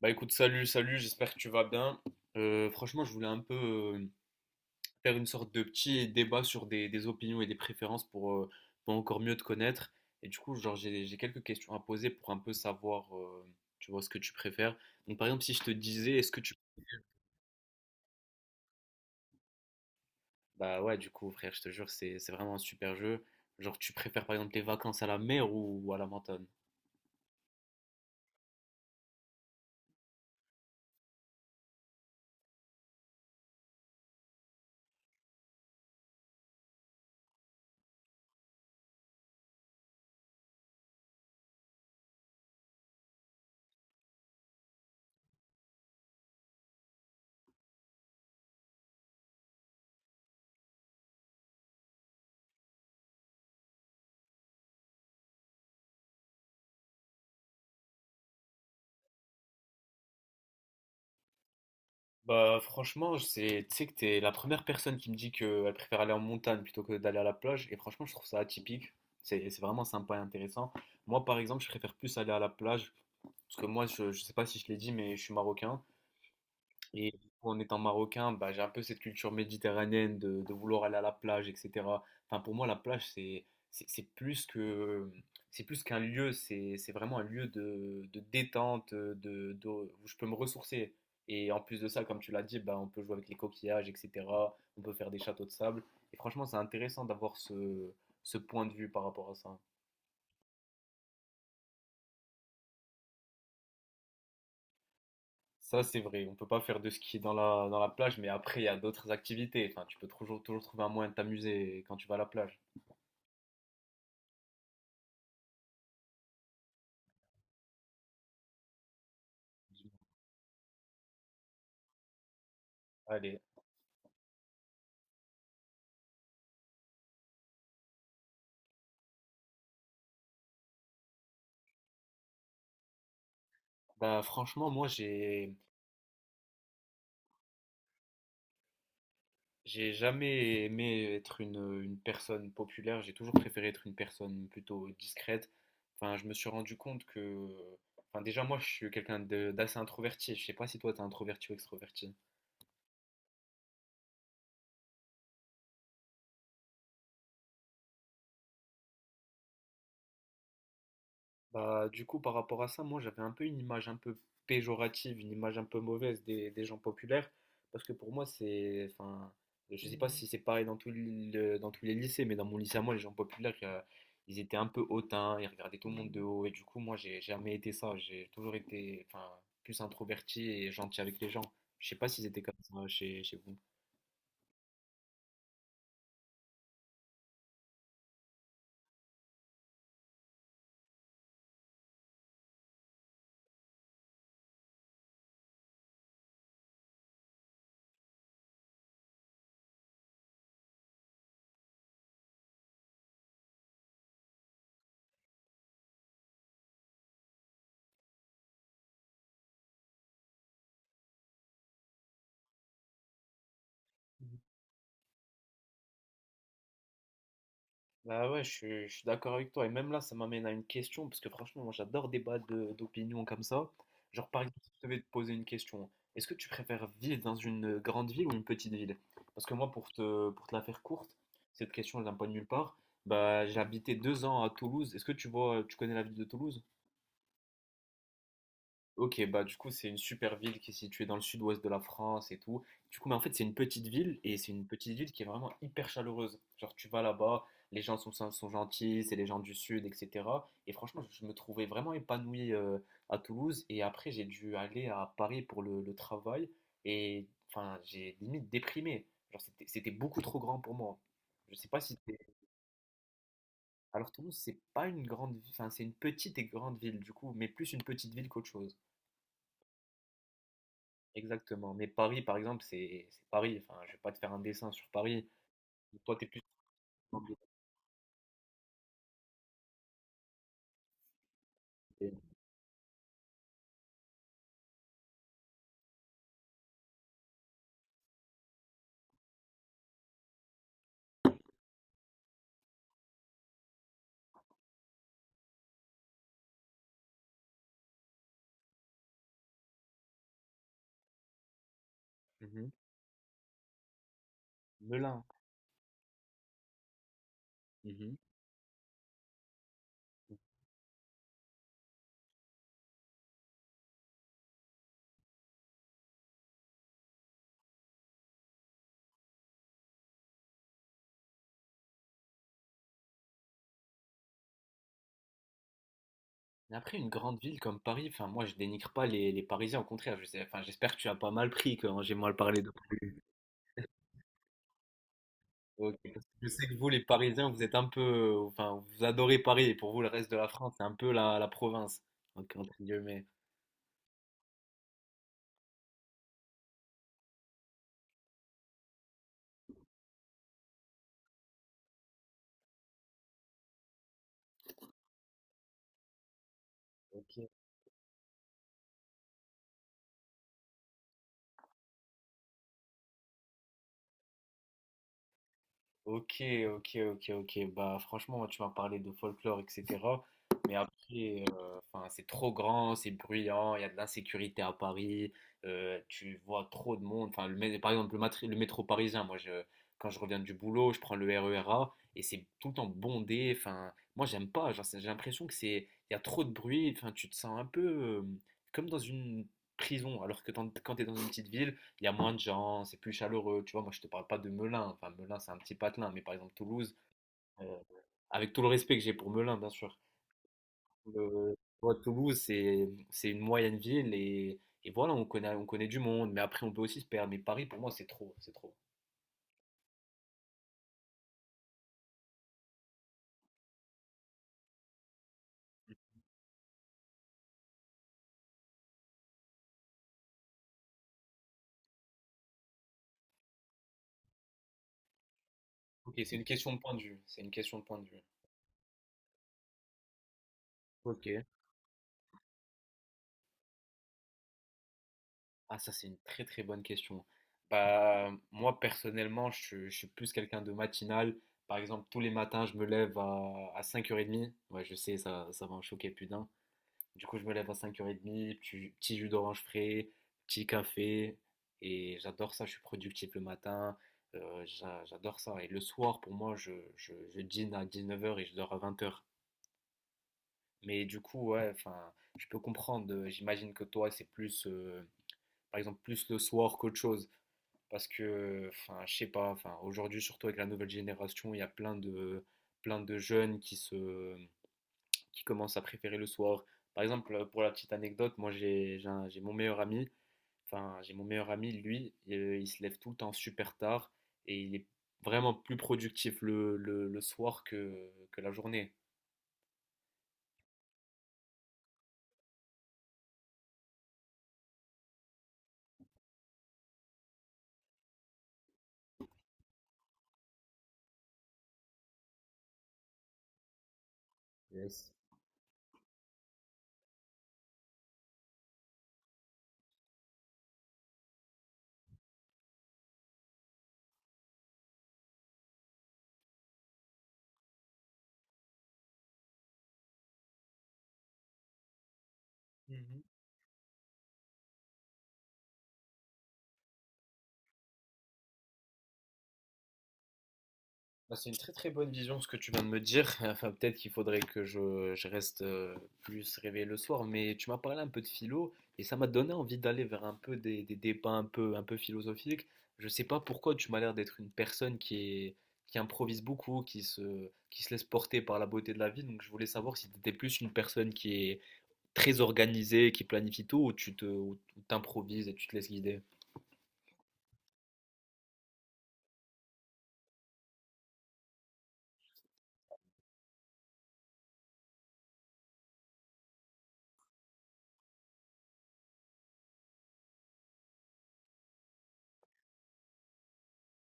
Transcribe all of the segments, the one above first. Bah écoute, salut, salut, j'espère que tu vas bien. Franchement, je voulais un peu faire une sorte de petit débat sur des opinions et des préférences pour encore mieux te connaître. Et du coup, genre, j'ai quelques questions à poser pour un peu savoir, tu vois, ce que tu préfères. Donc par exemple, si je te disais, est-ce que tu... Bah ouais, du coup, frère, je te jure, c'est vraiment un super jeu. Genre, tu préfères par exemple les vacances à la mer ou à la montagne? Bah franchement, tu sais que t'es la première personne qui me dit qu'elle préfère aller en montagne plutôt que d'aller à la plage. Et franchement, je trouve ça atypique. C'est vraiment sympa et intéressant. Moi, par exemple, je préfère plus aller à la plage. Parce que moi, je sais pas si je l'ai dit, mais je suis marocain. Et du coup, en étant marocain, bah, j'ai un peu cette culture méditerranéenne de vouloir aller à la plage, etc. Enfin, pour moi, la plage, c'est c'est plus que c'est plus qu'un lieu, c'est vraiment un lieu de détente, de- où je peux me ressourcer. Et en plus de ça, comme tu l'as dit, bah, on peut jouer avec les coquillages, etc. On peut faire des châteaux de sable. Et franchement, c'est intéressant d'avoir ce point de vue par rapport à ça. Ça, c'est vrai. On peut pas faire de ski dans la plage, mais après, il y a d'autres activités. Enfin, tu peux toujours, toujours trouver un moyen de t'amuser quand tu vas à la plage. Allez, bah franchement, moi j'ai jamais aimé être une personne populaire, j'ai toujours préféré être une personne plutôt discrète. Enfin, je me suis rendu compte enfin déjà moi je suis quelqu'un d'assez introverti. Je sais pas si toi t'es introverti ou extroverti. Bah, du coup, par rapport à ça, moi j'avais un peu une image un peu péjorative, une image un peu mauvaise des gens populaires, parce que pour moi enfin, je sais pas si c'est pareil dans dans tous les lycées, mais dans mon lycée à moi, les gens populaires, ils étaient un peu hautains, ils regardaient tout le monde de haut, et du coup moi j'ai jamais été ça, j'ai toujours été, enfin, plus introverti et gentil avec les gens. Je sais pas s'ils étaient comme ça chez vous. Bah ouais, je suis d'accord avec toi. Et même là, ça m'amène à une question, parce que franchement, moi j'adore débattre d'opinions comme ça. Genre, par exemple, si je devais te poser une question, est-ce que tu préfères vivre dans une grande ville ou une petite ville? Parce que moi, pour te la faire courte, cette question, elle vient pas de nulle part. Bah, j'ai habité 2 ans à Toulouse. Est-ce que tu vois, tu connais la ville de Toulouse? Ok, bah du coup c'est une super ville qui est située dans le sud-ouest de la France et tout. Du coup, mais en fait c'est une petite ville et c'est une petite ville qui est vraiment hyper chaleureuse. Genre tu vas là-bas, les gens sont gentils, c'est les gens du sud, etc. Et franchement, je me trouvais vraiment épanoui à Toulouse et après j'ai dû aller à Paris pour le travail et enfin j'ai limite déprimé. Genre c'était beaucoup trop grand pour moi. Je sais pas si t'es- Alors Toulouse c'est pas une grande ville, enfin c'est une petite et grande ville du coup, mais plus une petite ville qu'autre chose. Exactement. Mais Paris, par exemple, c'est Paris. Enfin, je vais pas te faire un dessin sur Paris. Toi, t'es plus. Mhm. Melun. Mhm. Mais après, une grande ville comme Paris, enfin, moi, je dénigre pas les Parisiens. Au contraire, je sais, enfin, j'espère que tu as pas mal pris quand j'ai mal parlé de. Ok. Parce que je sais que vous, les Parisiens, vous êtes un peu, enfin, vous adorez Paris. Et pour vous, le reste de la France, c'est un peu la province. Donc, entre guillemets. Ok. Ok, ok, ok, ok. Bah, franchement, tu m'as parlé de folklore, etc. Mais après, enfin, c'est trop grand, c'est bruyant, il y a de l'insécurité à Paris, tu vois trop de monde. Enfin, par exemple, le métro parisien, moi, quand je reviens du boulot, je prends le RER et c'est tout le temps bondé. Enfin, moi, j'aime pas. Genre, j'ai l'impression que il y a trop de bruit. Enfin, tu te sens un peu comme dans une prison, alors que quand tu es dans une petite ville, il y a moins de gens, c'est plus chaleureux. Tu vois, moi, je te parle pas de Melun. Enfin, Melun, c'est un petit patelin, mais par exemple, Toulouse, euh, avec tout le respect que j'ai pour Melun, bien sûr. Tu vois, Toulouse, c'est une moyenne ville et voilà, on connaît du monde, mais après, on peut aussi se perdre. Mais Paris, pour moi, c'est trop, c'est trop. Ok, c'est une question de point de vue. C'est une question de point de vue. Ok. Ah, ça, c'est une très très bonne question. Bah, moi, personnellement, je suis plus quelqu'un de matinal. Par exemple, tous les matins, je me lève à 5h30. Ouais, je sais, ça va en choquer, plus d'un. Du coup, je me lève à cinq heures 30 petit jus d'orange frais, petit café. Et j'adore ça, je suis productif le matin. J'adore ça. Et le soir, pour moi, je dîne à 19 heures et je dors à 20 heures. Mais du coup, ouais, enfin, je peux comprendre. J'imagine que toi, c'est plus, par exemple, plus le soir qu'autre chose. Parce que, enfin, je sais pas, enfin, aujourd'hui, surtout avec la nouvelle génération, il y a plein de jeunes qui qui commencent à préférer le soir. Par exemple, pour la petite anecdote, moi j'ai mon meilleur ami, enfin j'ai mon meilleur ami, lui, il se lève tout le temps super tard et il est vraiment plus productif le soir que la journée. Yes. Mhm. Bah, c'est une très très bonne vision ce que tu viens de me dire. Enfin, peut-être qu'il faudrait que je reste plus réveillé le soir, mais tu m'as parlé un peu de philo et ça m'a donné envie d'aller vers un peu des débats un peu philosophiques. Je sais pas pourquoi tu m'as l'air d'être une personne qui improvise beaucoup, qui se laisse porter par la beauté de la vie, donc je voulais savoir si tu étais plus une personne qui est très organisée, qui planifie tout, ou ou t'improvises et tu te laisses guider.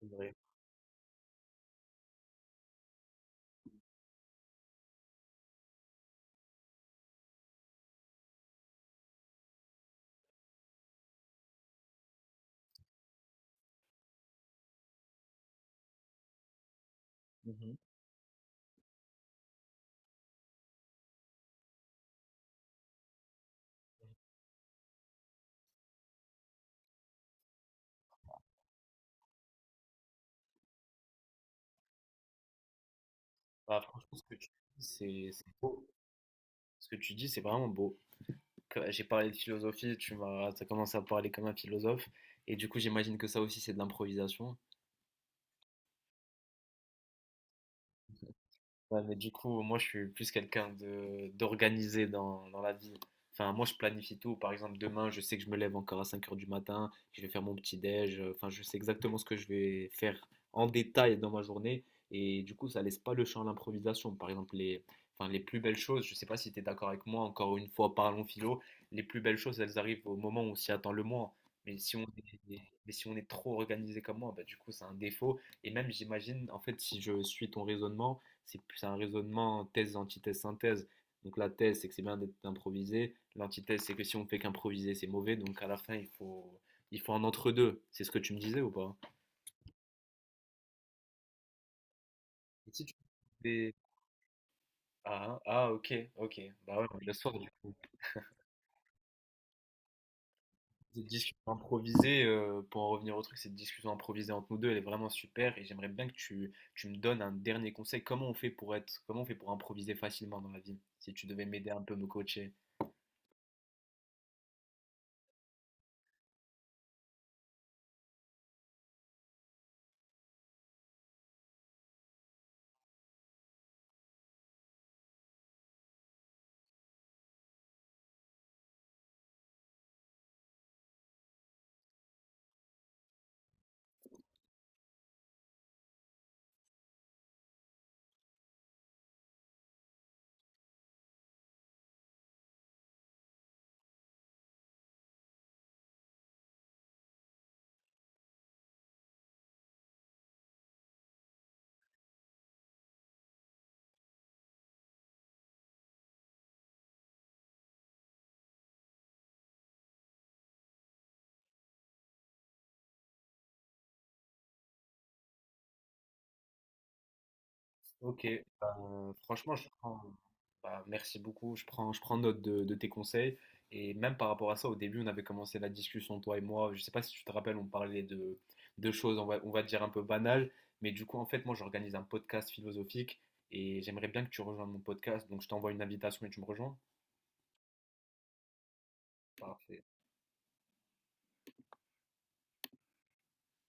C'est vrai. Mhm. Bah, franchement, ce que tu dis, c'est beau. Ce que tu dis, c'est vraiment beau. J'ai parlé de philosophie, t'as commencé à parler comme un philosophe, et du coup j'imagine que ça aussi c'est de l'improvisation. Ouais, mais du coup, moi, je suis plus quelqu'un de d'organisé dans la vie. Enfin, moi, je planifie tout. Par exemple, demain, je sais que je me lève encore à 5 heures du matin, que je vais faire mon petit déj. Enfin, je sais exactement ce que je vais faire en détail dans ma journée. Et du coup, ça laisse pas le champ à l'improvisation. Par exemple, enfin, les plus belles choses, je sais pas si tu es d'accord avec moi, encore une fois, parlons philo, les plus belles choses, elles arrivent au moment où on s'y attend le moins. Mais si on est trop organisé comme moi, bah, du coup, c'est un défaut. Et même, j'imagine, en fait, si je suis ton raisonnement, c'est plus un raisonnement thèse, antithèse, synthèse. Donc la thèse, c'est que c'est bien d'être improvisé. L'antithèse, c'est que si on ne fait qu'improviser, c'est mauvais. Donc à la fin, il faut un entre-deux. C'est ce que tu me disais ou pas? Et si tu fais- Ah, ah, ok, ok. Bah ouais, on est le soir, du coup. Cette discussion improvisée, pour en revenir au truc, cette discussion improvisée entre nous deux, elle est vraiment super. Et j'aimerais bien que tu me donnes un dernier conseil. Comment on fait pour improviser facilement dans la vie? Si tu devais m'aider un peu, me coacher. OK, ben, franchement, bah, merci beaucoup. Je prends note de tes conseils. Et même par rapport à ça, au début, on avait commencé la discussion, toi et moi. Je sais pas si tu te rappelles, on parlait de choses, on va dire un peu banales. Mais du coup, en fait, moi, j'organise un podcast philosophique et j'aimerais bien que tu rejoignes mon podcast. Donc, je t'envoie une invitation et tu me rejoins. Parfait.